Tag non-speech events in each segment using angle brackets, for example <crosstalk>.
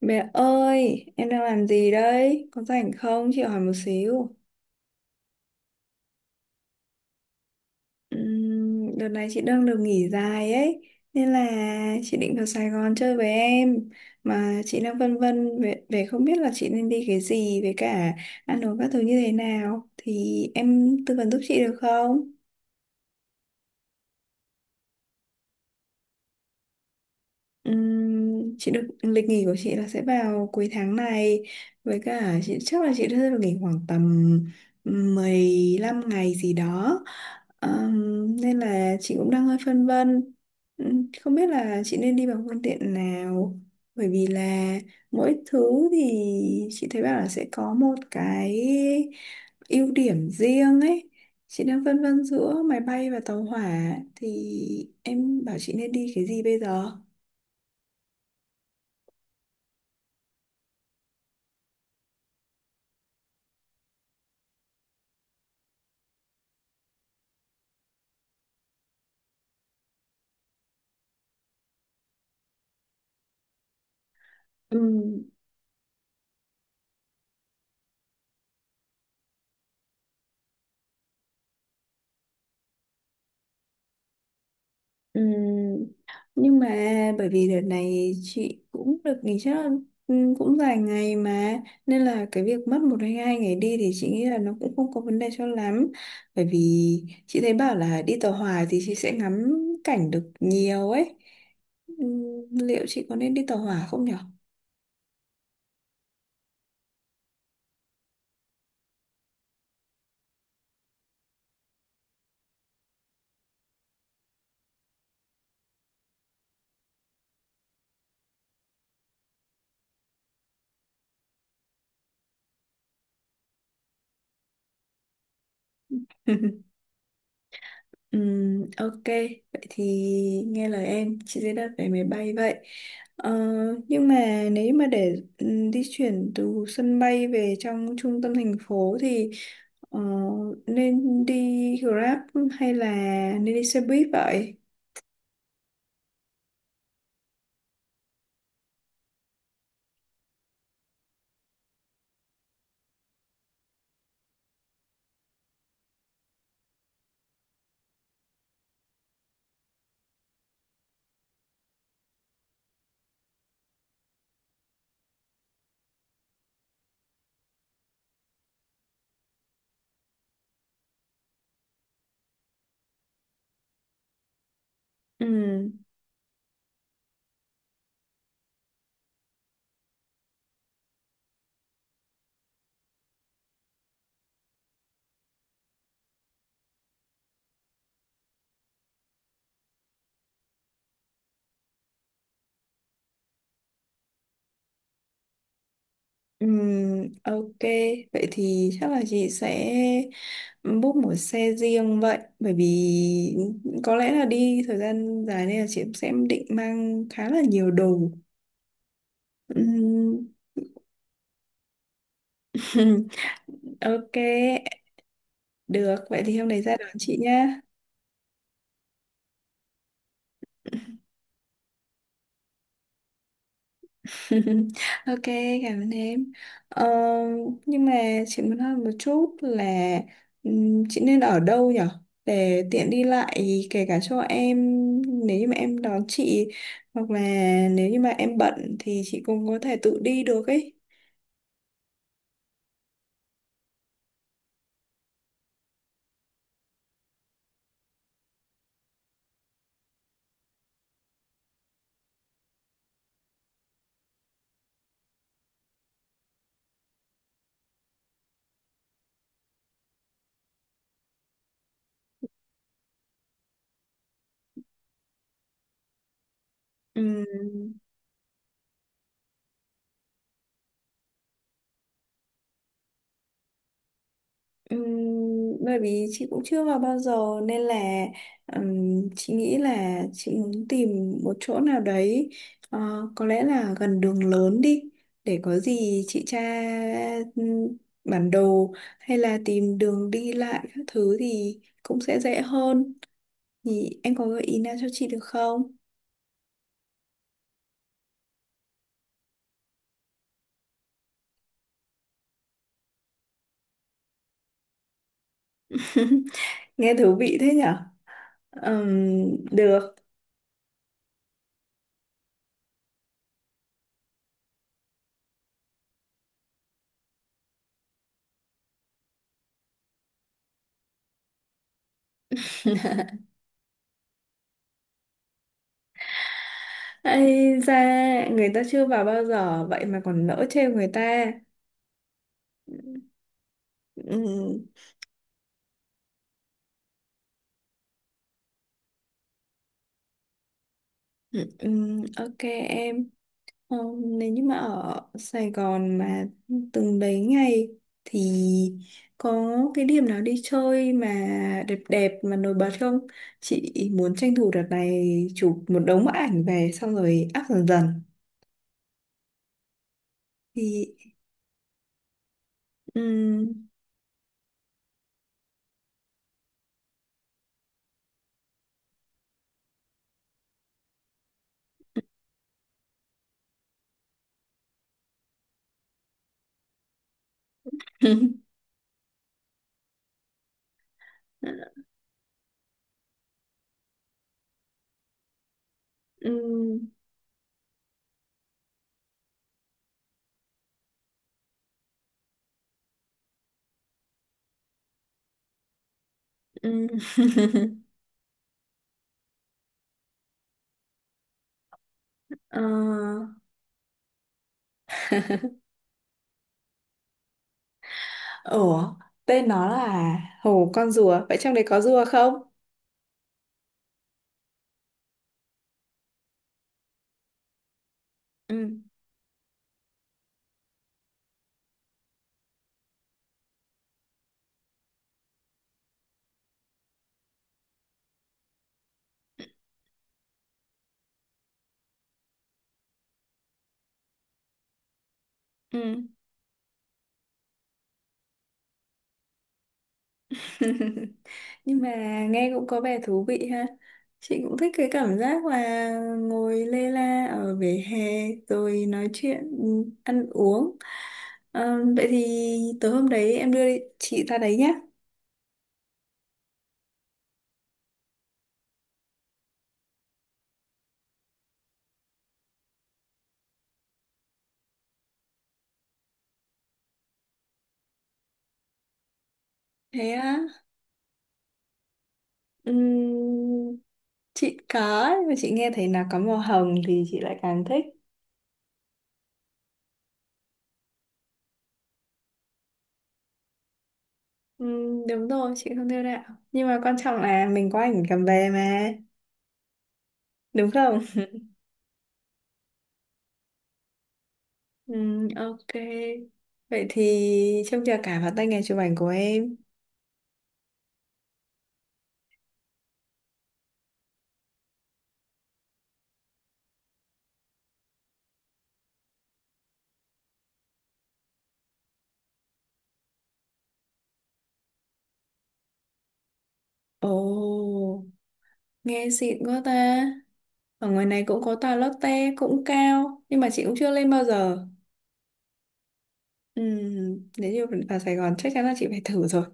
Mẹ ơi, em đang làm gì đấy? Có rảnh không? Chị hỏi một xíu. Đợt này chị đang được nghỉ dài ấy, nên là chị định vào Sài Gòn chơi với em. Mà chị đang vân vân về không biết là chị nên đi cái gì với cả ăn uống các thứ như thế nào. Thì em tư vấn giúp chị được không? Chị được lịch nghỉ của chị là sẽ vào cuối tháng này, với cả chị chắc là chị sẽ được nghỉ khoảng tầm 15 ngày gì đó. Nên là chị cũng đang hơi phân vân. Không biết là chị nên đi bằng phương tiện nào, bởi vì là mỗi thứ thì chị thấy bảo là sẽ có một cái ưu điểm riêng ấy. Chị đang phân vân giữa máy bay và tàu hỏa, thì em bảo chị nên đi cái gì bây giờ? Ừm, ừm. Nhưng mà bởi vì đợt này chị cũng được nghỉ phép cũng vài ngày mà, nên là cái việc mất một hay hai ngày đi thì chị nghĩ là nó cũng không có vấn đề cho lắm, bởi vì chị thấy bảo là đi tàu hỏa thì chị sẽ ngắm cảnh được nhiều ấy. Liệu chị có nên đi tàu hỏa không nhở? <laughs> Ok, vậy thì nghe lời em, chị sẽ đặt vé máy bay vậy. Ờ, nhưng mà nếu mà để di chuyển từ sân bay về trong trung tâm thành phố thì, ờ, nên đi Grab hay là nên đi xe buýt vậy? Ừm, ok, vậy thì chắc là chị sẽ book một xe riêng vậy, bởi vì có lẽ là đi thời gian dài nên là chị cũng sẽ định mang khá là nhiều đồ. Ừm, <laughs> ok, được. Vậy thì hôm đấy ra đón chị nhá. <laughs> Ok, cảm ơn em. Ờ, nhưng mà chị muốn hỏi một chút là, chị nên ở đâu nhở? Để tiện đi lại, kể cả cho em nếu như mà em đón chị, hoặc là nếu như mà em bận thì chị cũng có thể tự đi được ấy. Ừm, Ừm, bởi vì chị cũng chưa vào bao giờ nên là, chị nghĩ là chị muốn tìm một chỗ nào đấy, ờ, có lẽ là gần đường lớn đi, để có gì chị tra ừm, bản đồ hay là tìm đường đi lại các thứ thì cũng sẽ dễ hơn. Thì em có gợi ý nào cho chị được không? <laughs> Nghe thú vị thế nhở? Được. Ây da, người ta chưa vào bao giờ vậy mà còn nỡ trêu người ta. Ừm, ok em. Ờ, nếu như mà ở Sài Gòn mà từng đấy ngày thì có cái điểm nào đi chơi mà đẹp đẹp mà nổi bật không? Chị muốn tranh thủ đợt này chụp một đống bức ảnh về xong rồi up dần dần thì. Ừm, <laughs> ừm, ừm. <laughs> Ờ, ủa tên nó là Hồ Con Rùa vậy trong đấy có rùa không? Ừ, ừ. <laughs> Nhưng mà nghe cũng có vẻ thú vị ha. Chị cũng thích cái cảm giác là ngồi lê la ở vỉa hè rồi nói chuyện, ừ, ăn uống. Ờ, vậy thì tối hôm đấy em đưa chị ra đấy nhé. Thế á, ừm, chị có, nhưng mà chị nghe thấy là có màu hồng thì chị lại càng thích. Đúng rồi, chị không đưa đạo. Nhưng mà quan trọng là mình có ảnh cầm về mà, đúng không? Ừ, ok. Vậy thì trông chờ cả vào tay nghề chụp ảnh của em. Ồ, nghe xịn quá ta. Ở ngoài này cũng có tòa Lotte cũng cao, nhưng mà chị cũng chưa lên bao giờ. Ừ, nếu như vào Sài Gòn chắc chắn là chị phải thử rồi.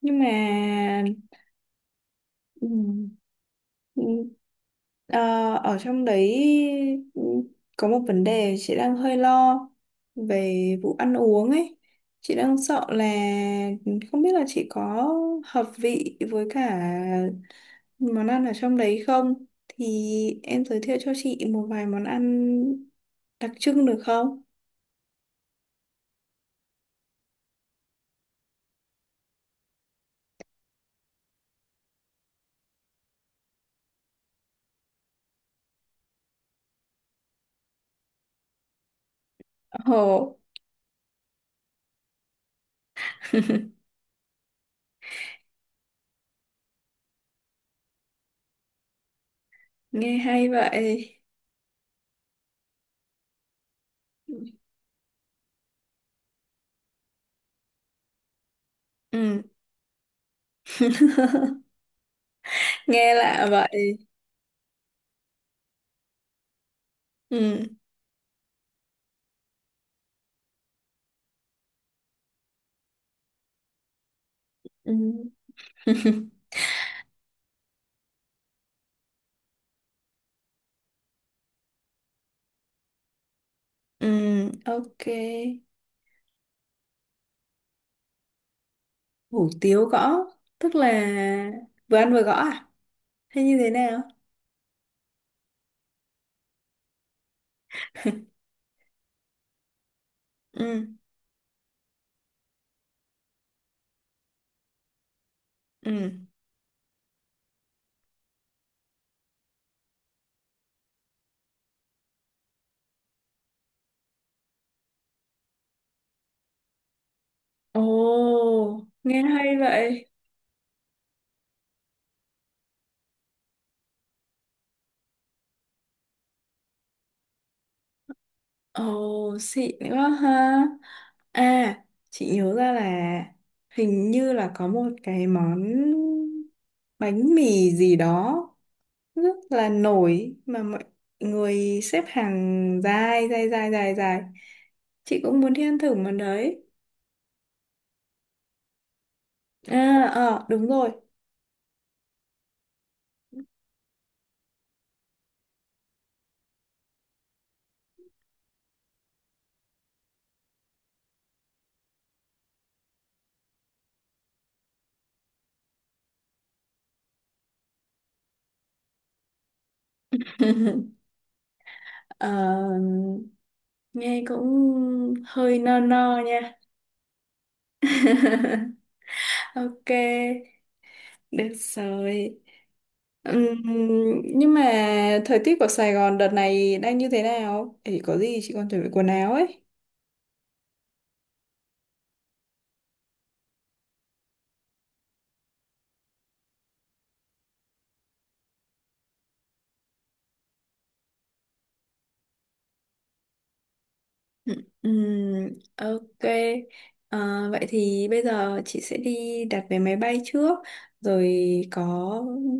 Nhưng mà ừ, ừ, ờ, ở trong đấy, ừ, có một vấn đề chị đang hơi lo về vụ ăn uống ấy. Chị đang sợ là không biết là chị có hợp vị với cả món ăn ở trong đấy không? Thì em giới thiệu cho chị một vài món ăn đặc trưng được không? Ồ, <laughs> nghe hay vậy. Ừ. <laughs> Nghe lạ vậy. Ừ. Ừ. <laughs> Ừ, ok. Hủ tiếu gõ tức là vừa ăn vừa gõ à hay như thế nào? Ừ, ừ, ồ, nghe hay vậy. Ồ, xịn quá ha. À, chị nhớ ra là hình như là có một cái món bánh mì gì đó rất là nổi mà mọi người xếp hàng dài dài dài dài dài chị cũng muốn đi ăn thử món đấy. À, ờ, đúng rồi. <laughs> Ờ, nghe cũng hơi no no nha. Ok, được rồi. Ừm, nhưng mà thời tiết của Sài Gòn đợt này đang như thế nào? Thì có gì chị còn chuẩn bị quần áo ấy. Ừm, ok. Ờ, vậy thì bây giờ chị sẽ đi đặt vé máy bay trước, rồi có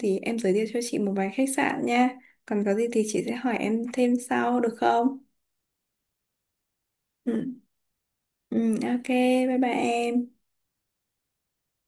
thì em giới thiệu cho chị một vài khách sạn nha. Còn có gì thì chị sẽ hỏi em thêm sau được không? Ừ. Ừ, ok, bye bye em.